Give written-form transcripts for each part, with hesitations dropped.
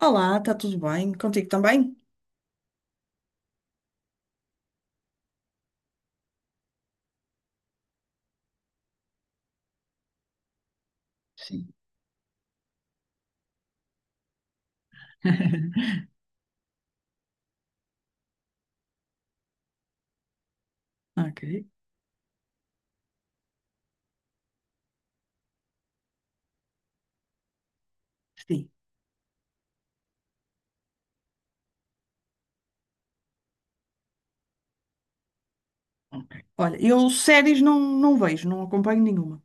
Olá, está tudo bem? Contigo também? Sim. Ok. Sim. Olha, eu séries não vejo, não acompanho nenhuma.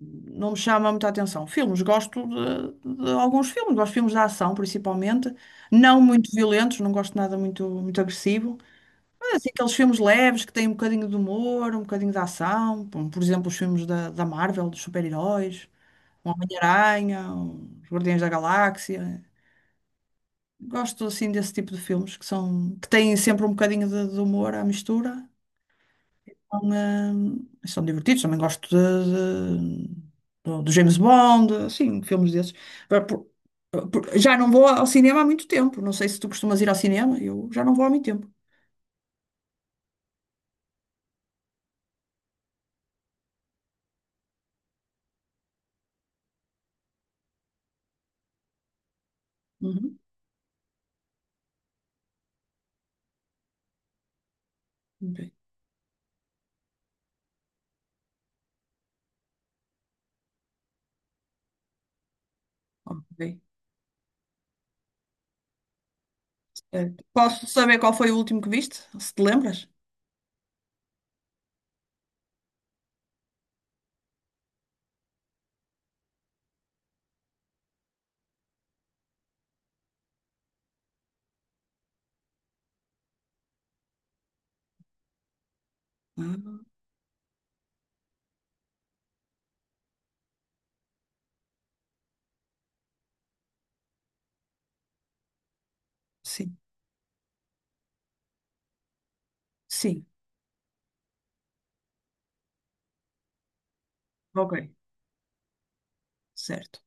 Não me chama muita atenção. Filmes, gosto de alguns filmes, gosto de filmes de ação, principalmente. Não muito violentos, não gosto de nada muito, muito agressivo. Mas assim, aqueles filmes leves que têm um bocadinho de humor, um bocadinho de ação. Por exemplo, os filmes da Marvel, dos super-heróis, o Homem-Aranha, os Guardiões da Galáxia. Gosto assim desse tipo de filmes que têm sempre um bocadinho de humor à mistura. São divertidos. Também gosto do James Bond, assim, filmes desses. Agora, já não vou ao cinema há muito tempo. Não sei se tu costumas ir ao cinema. Eu já não vou há muito tempo. Uhum. Ok. Ok. Posso saber qual foi o último que viste? Se te lembras? Ah, sim. Sim. Ok. Certo.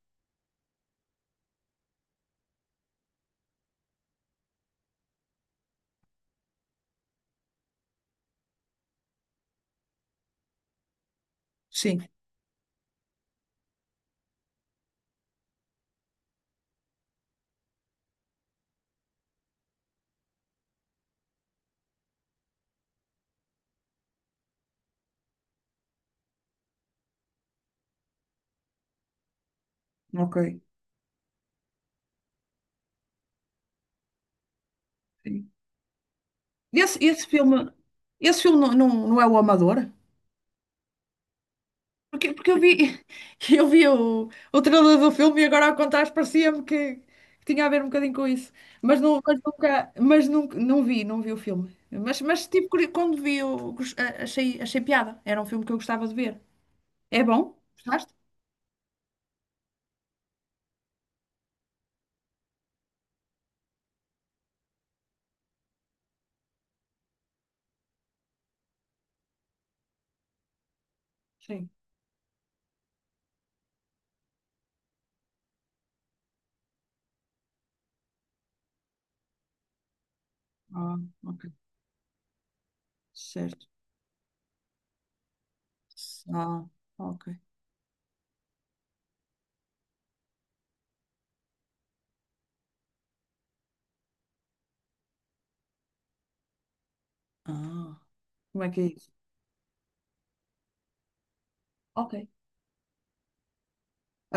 Sim. Ok. Esse, esse filme, esse filme não é o Amador? Porque eu vi, eu vi o trailer do filme e agora ao contar parecia-me que tinha a ver um bocadinho com isso. Mas, não, mas nunca, não vi o filme. Mas tipo, quando vi, eu gos- a- achei, achei piada. Era um filme que eu gostava de ver. É bom? Gostaste? Sim. Ah, ok. Certo. Ah, ok. Ah, como é que é isso? Ok.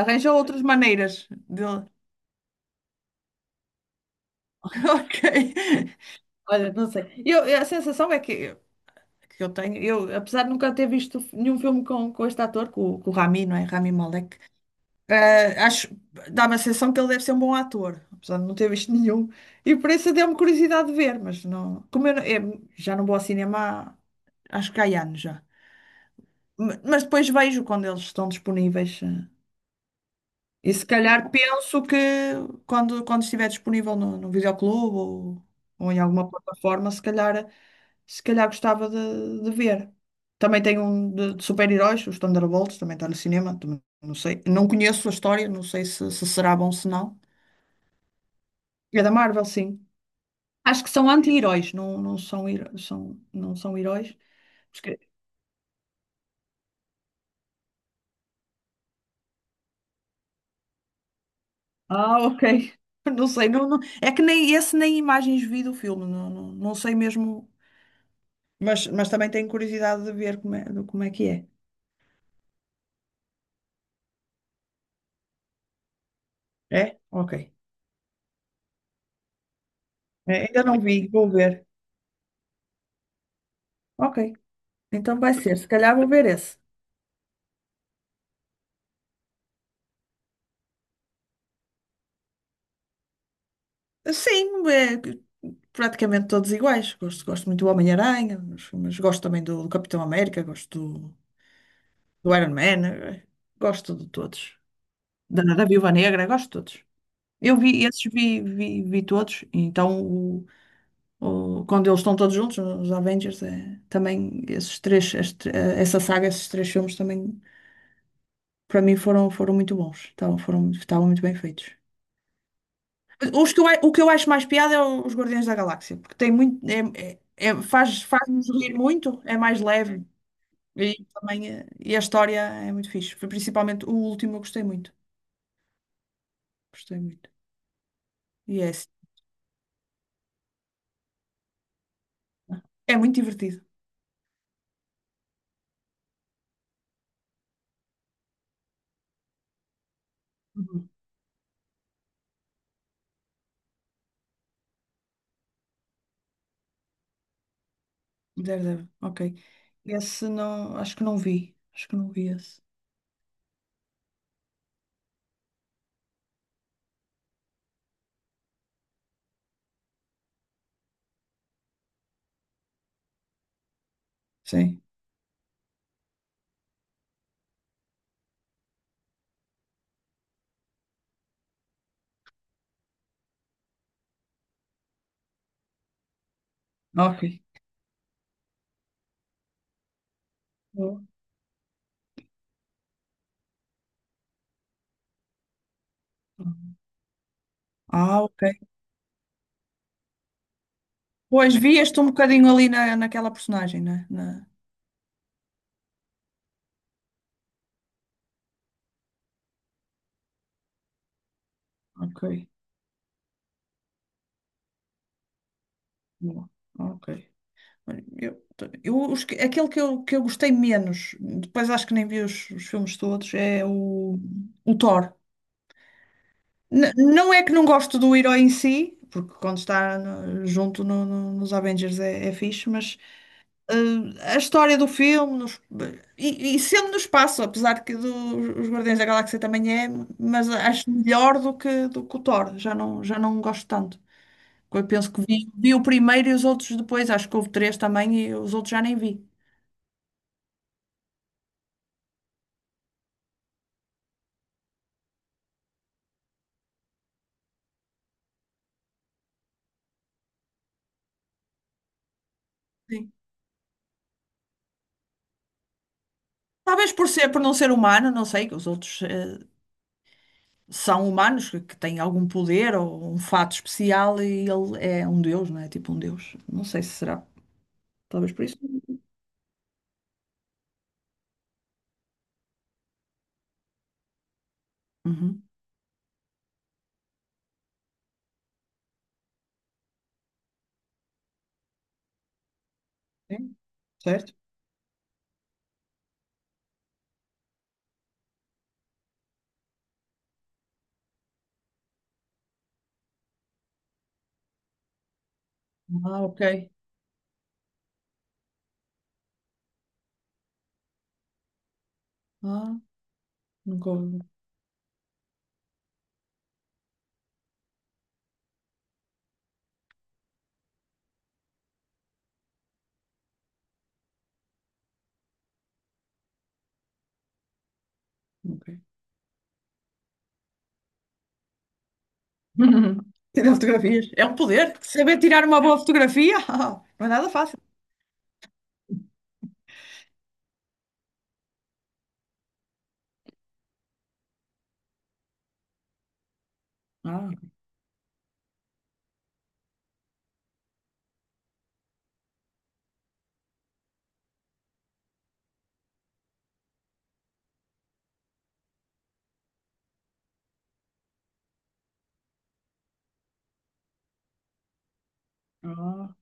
Arranja outras maneiras de... Ok. Olha, não sei. A sensação é que eu tenho, apesar de nunca ter visto nenhum filme com este ator, com o Rami, não é? Rami Malek, acho, dá-me a sensação que ele deve ser um bom ator, apesar de não ter visto nenhum. E por isso deu-me curiosidade de ver, mas não. Como eu, eu já não vou ao cinema há, acho que há anos já. Mas depois vejo quando eles estão disponíveis. E se calhar penso que quando estiver disponível no videoclube ou em alguma plataforma, se calhar gostava de ver. Também tem um de super-heróis, os Thunderbolts, também está no cinema, também não sei. Não conheço a história, não sei se será bom se não. É da Marvel, sim. Acho que são anti-heróis, não são heróis. Porque- Ah, ok. Não sei, é que nem esse nem imagens vi do filme, não sei mesmo. Mas também tenho curiosidade de ver como é, como é que é. É? Ok. É, ainda não vi, vou ver. Ok. Então vai ser, se calhar vou ver esse. Sim, é praticamente todos iguais. Gosto muito do Homem-Aranha, mas gosto também do Capitão América, gosto do Iron Man, gosto de todos. Da Viúva Negra, gosto de todos. Eu vi esses, vi todos. Então, quando eles estão todos juntos, os Avengers, é, também esses três, essa saga, esses três filmes também para mim foram, muito bons, estavam muito bem feitos. Os que eu, o que eu acho mais piada é os Guardiões da Galáxia, porque tem muito, faz-nos rir muito, é mais leve e também e a história é muito fixe. Foi Principalmente o último eu gostei muito. E é esse. É muito divertido. Uhum. Daredevil, ok. Esse não, acho que não vi esse. Sim, ok. Boa. Ah, ok. Pois vias-te um bocadinho ali naquela personagem, né? Ok. Boa, Ok. Olha, aquele que eu gostei menos, depois acho que nem vi os filmes todos, é o Thor. Não é que não gosto do herói em si, porque quando está junto nos Avengers é fixe, mas a história do filme e sendo no espaço, apesar de que os Guardiões da Galáxia também é, mas acho melhor do que o Thor, já não gosto tanto. Eu penso que vi o primeiro e os outros depois. Acho que houve três também e os outros já nem vi. Sim. Talvez por ser, por não ser humano, não sei, que os outros são humanos, que têm algum poder ou um fato especial e ele é um deus, não é? Tipo um deus. Não sei se será. Talvez por isso. Uhum. Sim, certo. Ah, ok. Ah, nunca ouvi. Ok. Tirar fotografias. É um poder. Saber tirar uma boa fotografia? Não é nada fácil. Ah. Ah,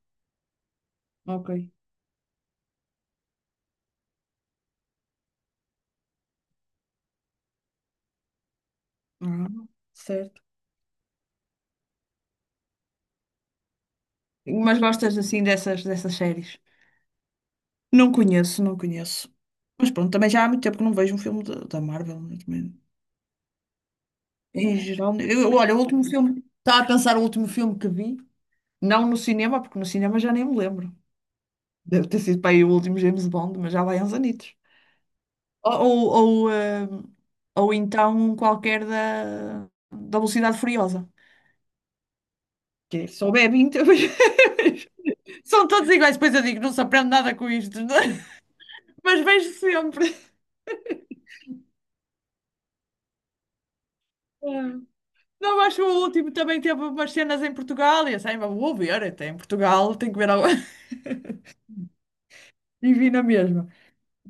ok. Ah, certo. Mas gostas assim dessas séries? Não conheço, não conheço. Mas pronto, também já há muito tempo que não vejo um filme da Marvel, né, também. Em geral, né, eu, olha, o último filme. Estava a pensar o último filme que vi, não no cinema, porque no cinema já nem me lembro. Deve ter sido para aí o último James Bond, mas já vai uns anitos. Ou, ou, ou, eh, ou então um qualquer da Velocidade Furiosa. Que é só bebe 20. São todos iguais, depois eu digo, não se aprende nada com isto. Mas vejo sempre. Não, acho que o último também teve umas cenas em Portugal e assim, "Ah, vou ver, até em Portugal tenho que ver algo. E vi na mesma.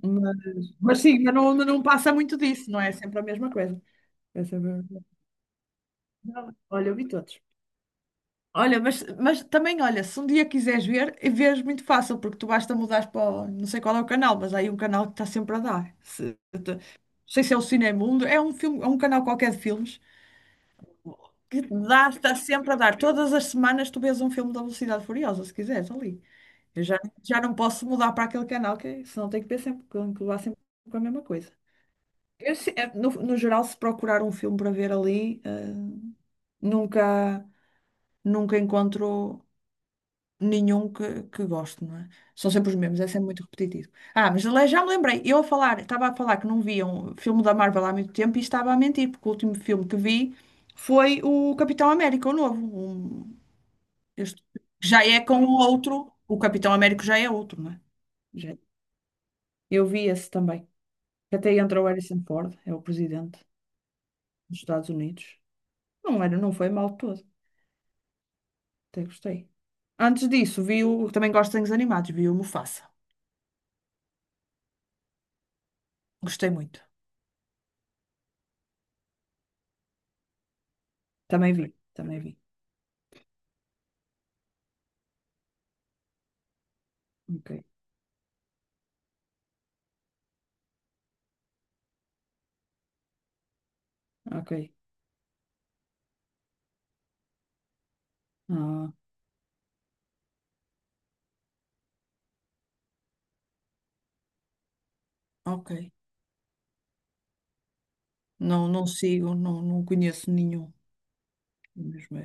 Mas, mas sim, mas não passa muito disso, não é? É sempre a mesma coisa. É sempre a mesma coisa. Olha, eu vi todos. Olha, mas também, olha, se um dia quiseres ver, vês muito fácil, porque tu basta mudar para, não sei qual é o canal, mas há aí um canal que está sempre a dar. Não sei se é o Cinemundo, é um filme, é um canal qualquer de filmes, que dá, está sempre a dar. Todas as semanas tu vês um filme da Velocidade Furiosa, se quiseres, ali. Eu já, não posso mudar para aquele canal, que senão tenho que ver sempre, que levar sempre com a mesma coisa. Eu se- eh, no, no geral, se procurar um filme para ver ali, nunca, nunca encontro nenhum que gosto, não é? São sempre os mesmos, é sempre muito repetitivo. Ah, mas aliás, já me lembrei, eu a falar, estava a falar que não via um filme da Marvel há muito tempo e estava a mentir, porque o último filme que vi foi o Capitão América, o novo, Eu estou- já é com o outro, o Capitão Américo já é outro, não é? Já- Eu vi esse também. Que Até entrou o Harrison Ford, é o presidente dos Estados Unidos. Não era, não foi mal todo. Até gostei. Antes disso, vi o, também gosto de desenhos animados, vi o Mufasa. Gostei muito. Também vi, também vi. Ok, ok. Ah, ok. Não sigo, não conheço nenhum. Mesmo.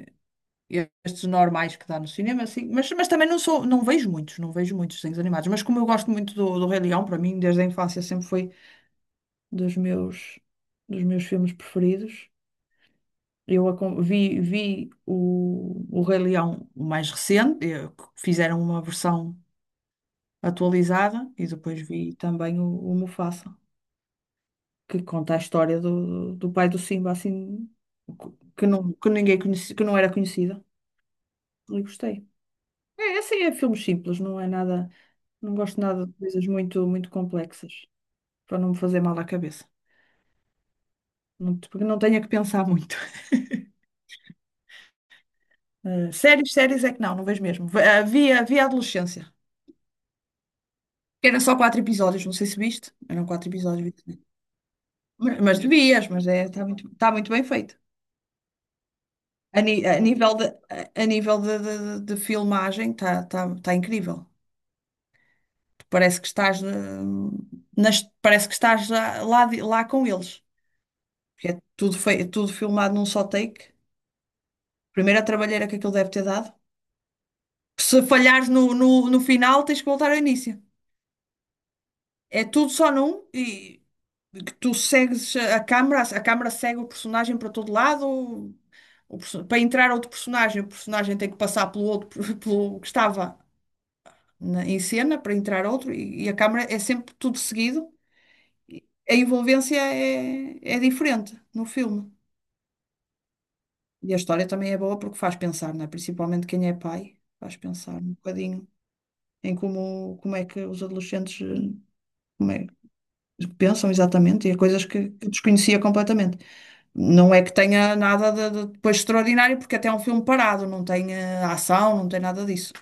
Estes normais que dá no cinema, assim, mas também não vejo muitos, desenhos animados, mas como eu gosto muito do Rei Leão, para mim, desde a infância sempre foi dos meus, dos meus filmes preferidos. Vi o Rei Leão o mais recente, que fizeram uma versão atualizada, e depois vi também o Mufasa, que conta a história do pai do Simba, assim, que, não, que ninguém conhecia, que não era conhecida. E gostei. É, assim, é filmes simples, não é nada. Não gosto nada de coisas muito, muito complexas, para não me fazer mal à cabeça. Não, porque não tenha que pensar muito. Séries é que não vejo mesmo. Havia adolescência, que era só quatro episódios, não sei se viste. Eram quatro episódios, viste? Mas devias, mas é, está muito bem feito. A, ni- a nível de filmagem está incrível. Parece que estás, eh, parece que estás lá, lá com eles. Porque é tudo, tudo filmado num só take. Primeiro a trabalheira que aquilo deve ter dado. Se falhares no final, tens que voltar ao início. É tudo só num e que tu segues a câmara segue o personagem para todo lado. Para entrar outro personagem, o personagem tem que passar pelo outro, pelo que estava em cena para entrar outro e a câmara é sempre tudo seguido. E a envolvência é diferente no filme. E a história também é boa porque faz pensar, não é? Principalmente quem é pai, faz pensar um bocadinho em como é que os adolescentes como é, pensam exatamente e a coisas que eu desconhecia completamente. Não é que tenha nada de depois extraordinário, porque até é um filme parado, não tem ação, não tem nada disso.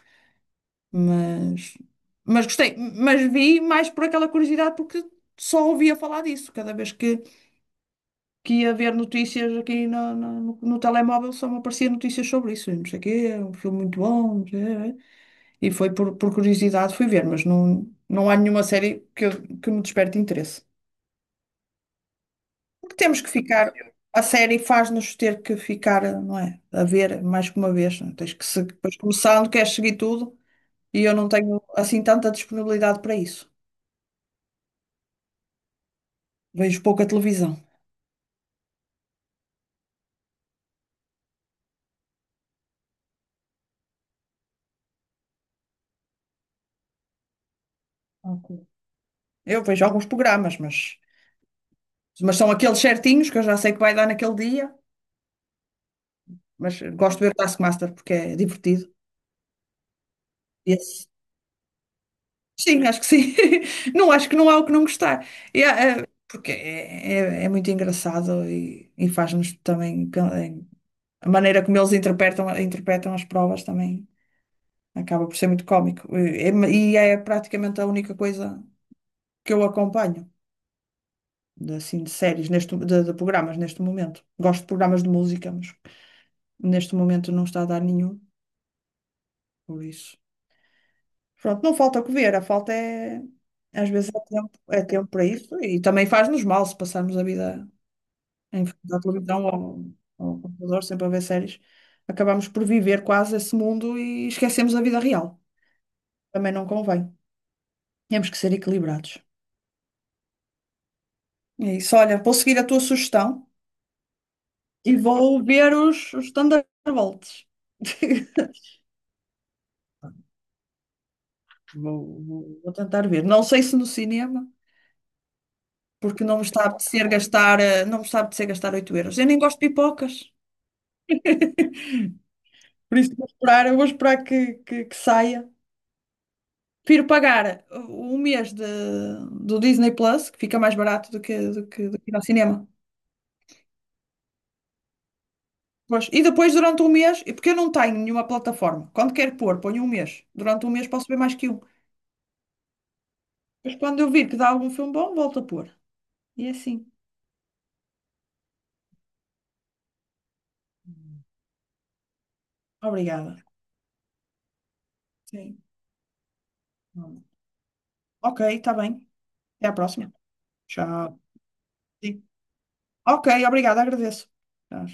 Mas, mas gostei, mas vi mais por aquela curiosidade, porque só ouvia falar disso. Cada vez que ia ver notícias aqui no telemóvel, só me apareciam notícias sobre isso. E não sei o quê, é um filme muito bom, não sei, é. E foi por curiosidade fui ver, mas não há nenhuma série que me desperte interesse. Temos que ficar, a série faz-nos ter que ficar, não é? A ver mais que uma vez. Não é? Tens que se, depois começando, queres seguir tudo e eu não tenho assim tanta disponibilidade para isso. Vejo pouca televisão. Ok. Eu vejo alguns programas, mas são aqueles certinhos que eu já sei que vai dar naquele dia, mas gosto de ver o Taskmaster porque é divertido. Esse Sim, acho que sim. Não acho que não há o que não gostar. E há, porque é muito engraçado e faz-nos também a maneira como eles interpretam as provas também acaba por ser muito cómico. É praticamente a única coisa que eu acompanho de séries neste, de programas neste momento. Gosto de programas de música, mas neste momento não está a dar nenhum, por isso. Pronto, não falta o que ver, a falta é às vezes é tempo, para isso e também faz-nos mal se passarmos a vida em frente à televisão ou ao computador, sempre a ver séries, acabamos por viver quase esse mundo e esquecemos a vida real. Também não convém. Temos que ser equilibrados. É isso. Olha, vou seguir a tua sugestão e vou ver os Thunderbolts. Vou tentar ver. Não sei se no cinema, porque não me está a apetecer gastar, não me está a apetecer gastar 8 euros. Eu nem gosto de pipocas. Por isso vou esperar, eu vou esperar que saia. Prefiro pagar um mês do Disney Plus, que fica mais barato do que ir ao cinema. Pois. E depois, durante um mês, e porque eu não tenho nenhuma plataforma, quando quero pôr, ponho um mês. Durante um mês posso ver mais que um. Mas quando eu vir que dá algum filme bom, volto a pôr. E é assim. Obrigada. Sim. Ok, está bem. Até à próxima. Tchau. Sim. Ok, obrigada, agradeço. Tchau.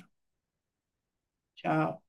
Tchau.